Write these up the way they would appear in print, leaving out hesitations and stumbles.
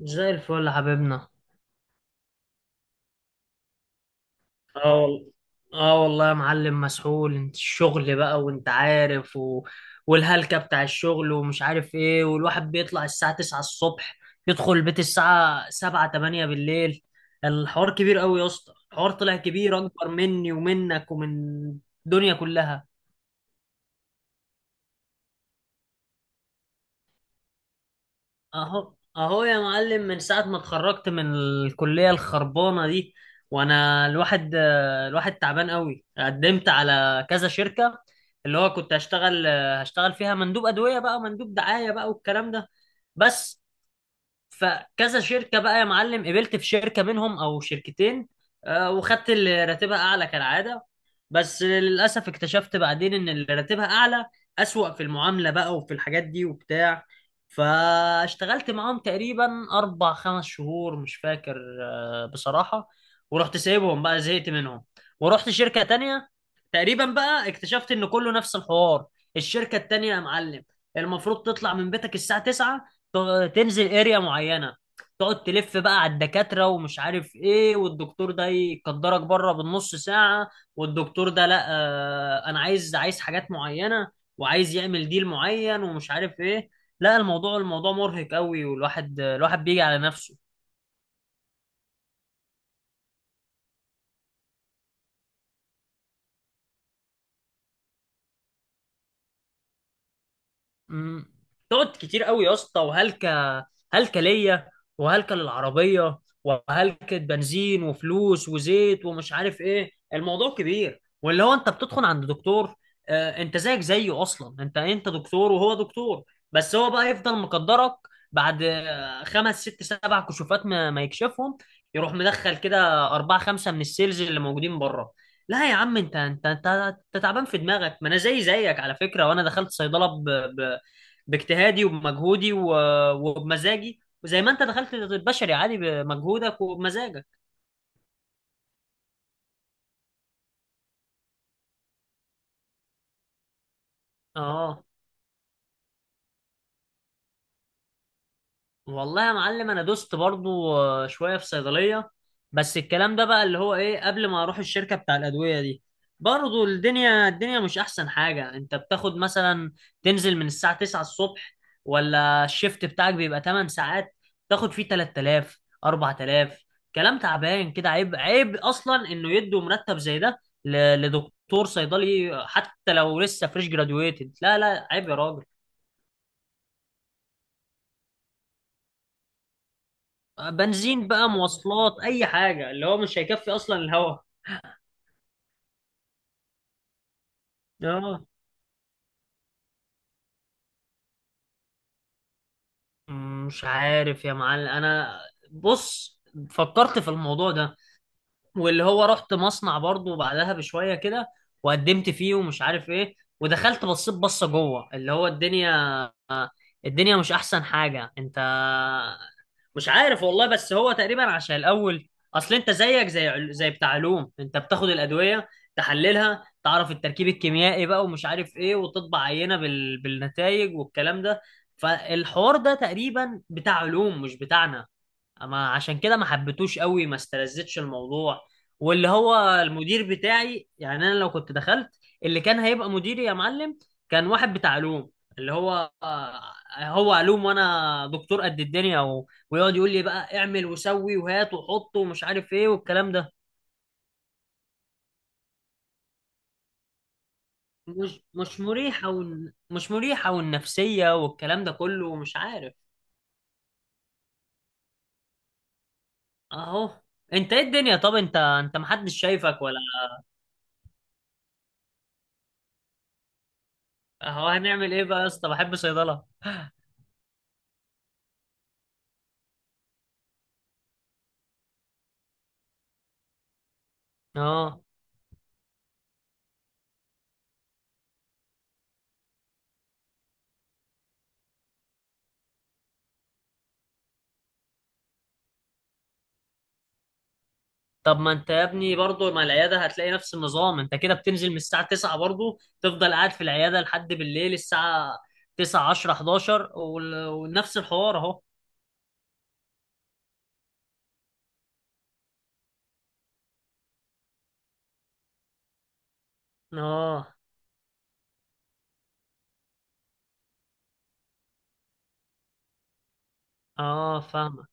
زي الفل يا حبيبنا. اه، والله. اه والله يا معلم، مسحول. انت الشغل بقى وانت عارف والهلكة بتاع الشغل ومش عارف ايه، والواحد بيطلع الساعة 9 الصبح، يدخل البيت الساعة 7 8 بالليل. الحوار كبير قوي يا اسطى، الحوار طلع كبير اكبر مني ومنك ومن الدنيا كلها. اهو اهو يا معلم، من ساعة ما اتخرجت من الكلية الخربانة دي وانا الواحد تعبان قوي، قدمت على كذا شركة اللي هو كنت هشتغل فيها مندوب أدوية بقى، مندوب دعاية بقى والكلام ده. بس فكذا شركة بقى يا معلم، قبلت في شركة منهم أو شركتين. وخدت اللي راتبها أعلى كالعادة، بس للأسف اكتشفت بعدين إن اللي راتبها أعلى أسوأ في المعاملة بقى وفي الحاجات دي وبتاع. فاشتغلت معاهم تقريبا أربع خمس شهور مش فاكر، بصراحة. ورحت سايبهم بقى، زهقت منهم. ورحت شركة تانية، تقريبا بقى اكتشفت إن كله نفس الحوار. الشركة التانية يا معلم، المفروض تطلع من بيتك الساعة 9، تنزل اريا معينه، تقعد تلف بقى على الدكاتره ومش عارف ايه، والدكتور ده يقدرك بره بالنص ساعه، والدكتور ده لا، انا عايز حاجات معينه، وعايز يعمل ديل معين ومش عارف ايه. لا، الموضوع مرهق قوي، والواحد بيجي على نفسه. مم. تقعد كتير قوي يا اسطى، وهلكة. هلكة ليا، وهلكة للعربية، وهلكة بنزين وفلوس وزيت ومش عارف ايه. الموضوع كبير، واللي هو انت بتدخل عند دكتور، انت زيك زيه. اصلا انت دكتور وهو دكتور، بس هو بقى يفضل مقدرك بعد خمس ست سبع كشوفات ما يكشفهم. يروح مدخل كده أربعة خمسة من السيلز اللي موجودين بره. لا يا عم، انت تعبان في دماغك. ما انا زي زيك على فكرة، وانا دخلت صيدلة باجتهادي وبمجهودي وبمزاجي، وزي ما انت دخلت البشري عادي بمجهودك وبمزاجك. اه والله يا معلم، انا دوست برضو شويه في صيدليه. بس الكلام ده بقى، اللي هو ايه، قبل ما اروح الشركه بتاع الادويه دي، برضو الدنيا مش احسن حاجه. انت بتاخد مثلا، تنزل من الساعه 9 الصبح، ولا الشيفت بتاعك بيبقى 8 ساعات تاخد فيه 3000 4000. كلام تعبان كده، عيب. عيب اصلا انه يدوا مرتب زي ده لدكتور صيدلي، حتى لو لسه فريش جرادويتد. لا لا، عيب يا راجل. بنزين بقى، مواصلات، اي حاجه، اللي هو مش هيكفي اصلا الهوا. اه، مش عارف يا معلم انا. بص، فكرت في الموضوع ده، واللي هو رحت مصنع برضو بعدها بشويه كده، وقدمت فيه ومش عارف ايه، ودخلت بصيت بصه جوه، اللي هو الدنيا، الدنيا مش احسن حاجه. انت، مش عارف والله. بس هو تقريبا عشان الاول، اصل انت زيك زي زي بتاع علوم. انت بتاخد الادويه، تحللها، تعرف التركيب الكيميائي بقى ومش عارف ايه، وتطبع عينه بالنتائج والكلام ده. فالحوار ده تقريبا بتاع علوم مش بتاعنا. اما عشان كده ما حبيتوش قوي، ما استلذتش الموضوع. واللي هو المدير بتاعي، يعني انا لو كنت دخلت، اللي كان هيبقى مديري يا معلم كان واحد بتاع علوم، اللي هو علوم وانا دكتور قد الدنيا، ويقعد يقول لي بقى اعمل وسوي وهات وحط ومش عارف ايه والكلام ده. مش مريحة، مش مريحة، والنفسية والكلام ده كله، ومش عارف. اهو. انت، ايه الدنيا؟ طب انت، انت محدش شايفك ولا؟ اهو، هنعمل ايه بقى يا اسطى، بحب صيدلة. اه. طب ما انت يا ابني برضه، ما العياده هتلاقي نفس النظام. انت كده بتنزل من الساعه 9 برضه، تفضل قاعد في العياده لحد بالليل الساعه 9 10 11، ونفس الحوار اهو. اه، اه، فاهمه.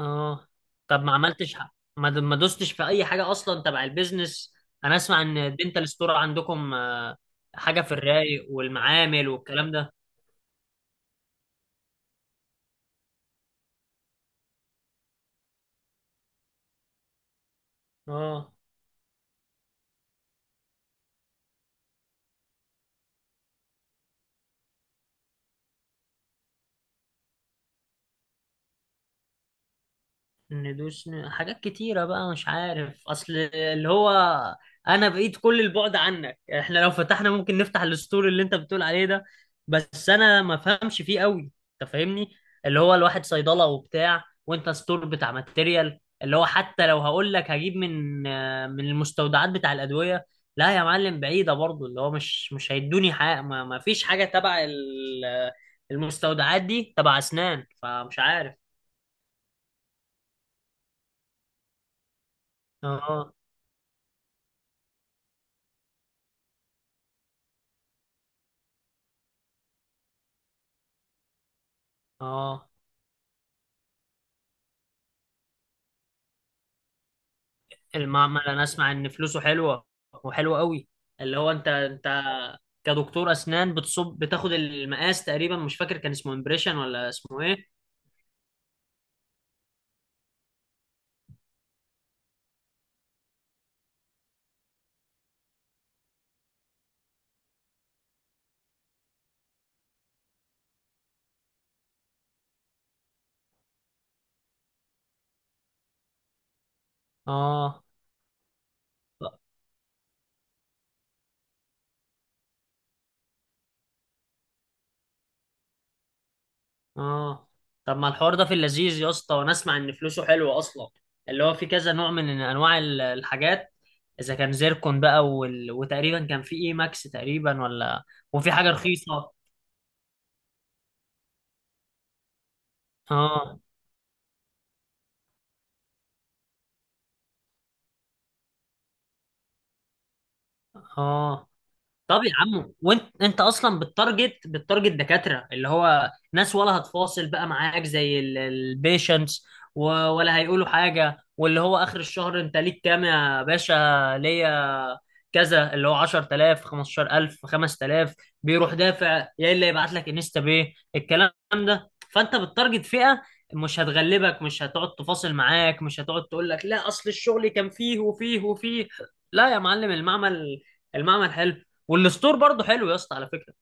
اه. طب ما عملتش، ما دوستش في اي حاجه اصلا تبع البيزنس؟ انا اسمع ان الدنتال ستور عندكم، حاجه في الرايق والمعامل والكلام ده. اه، ندوس، حاجات كتيرة بقى، مش عارف. أصل اللي هو أنا بعيد كل البعد عنك. يعني إحنا لو فتحنا، ممكن نفتح الستور اللي أنت بتقول عليه ده، بس أنا ما فهمش فيه قوي. أنت فاهمني، اللي هو الواحد صيدلة وبتاع، وأنت ستور بتاع ماتيريال. اللي هو حتى لو هقول لك هجيب من من المستودعات بتاع الأدوية، لا يا معلم، بعيدة برضو. اللي هو مش هيدوني حاجة، ما فيش حاجة تبع المستودعات دي تبع أسنان، فمش عارف. اه. اه، المعمل انا اسمع ان فلوسه حلوه، وحلوه قوي. اللي هو انت كدكتور اسنان بتصب، بتاخد المقاس، تقريبا مش فاكر كان اسمه امبريشن ولا اسمه ايه. اه، اه. طب ما الحوار ده في اللذيذ يا اسطى، وانا اسمع ان فلوسه حلوه اصلا، اللي هو في كذا نوع من انواع الحاجات. اذا كان زيركون بقى وتقريبا كان في اي ماكس تقريبا، ولا وفي حاجه رخيصه. اه. اه. طب يا عم، وانت انت اصلا بالتارجت دكاتره اللي هو ناس، ولا هتفاصل بقى معاك زي البيشنتس، ولا هيقولوا حاجه، واللي هو اخر الشهر انت ليك كام يا باشا؟ ليا كذا، اللي هو 10000 15000 5000، بيروح دافع يا الا يبعت لك انستا باي الكلام ده. فانت بالتارجت فئه، مش هتغلبك، مش هتقعد تفاصل معاك، مش هتقعد تقول لك لا اصل الشغل كان فيه وفيه وفيه. لا يا معلم، المعمل حلو، والستور برضه حلو يا اسطى على فكره.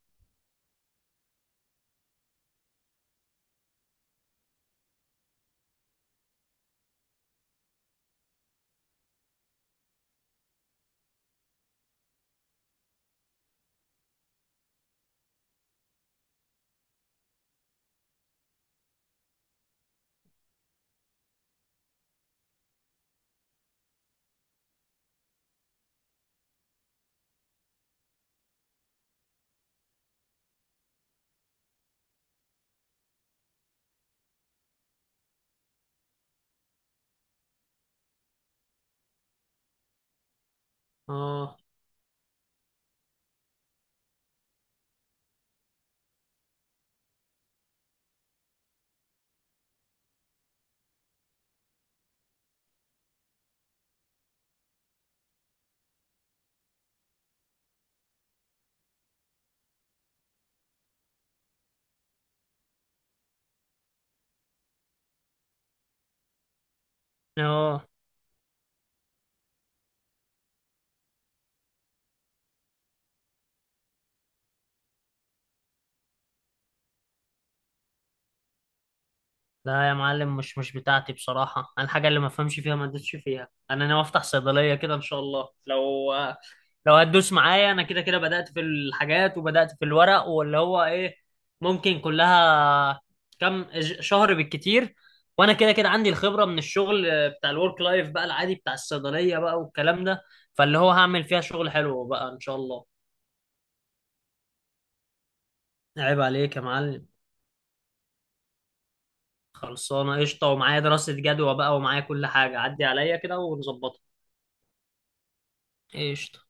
اه، اه. لا يا معلم، مش بتاعتي بصراحه. انا الحاجه اللي ما افهمش فيها ما ادوسش فيها. انا ناوي افتح صيدليه كده ان شاء الله، لو هتدوس معايا. انا كده كده بدات في الحاجات وبدات في الورق واللي هو ايه، ممكن كلها كم شهر بالكتير. وانا كده كده عندي الخبره من الشغل بتاع الورك لايف بقى، العادي بتاع الصيدليه بقى والكلام ده. فاللي هو هعمل فيها شغل حلو بقى ان شاء الله. عيب عليك يا معلم. خلصانة قشطة، ومعايا دراسة جدوى بقى، ومعايا كل حاجة. عدي عليا كده ونظبطها. قشطة.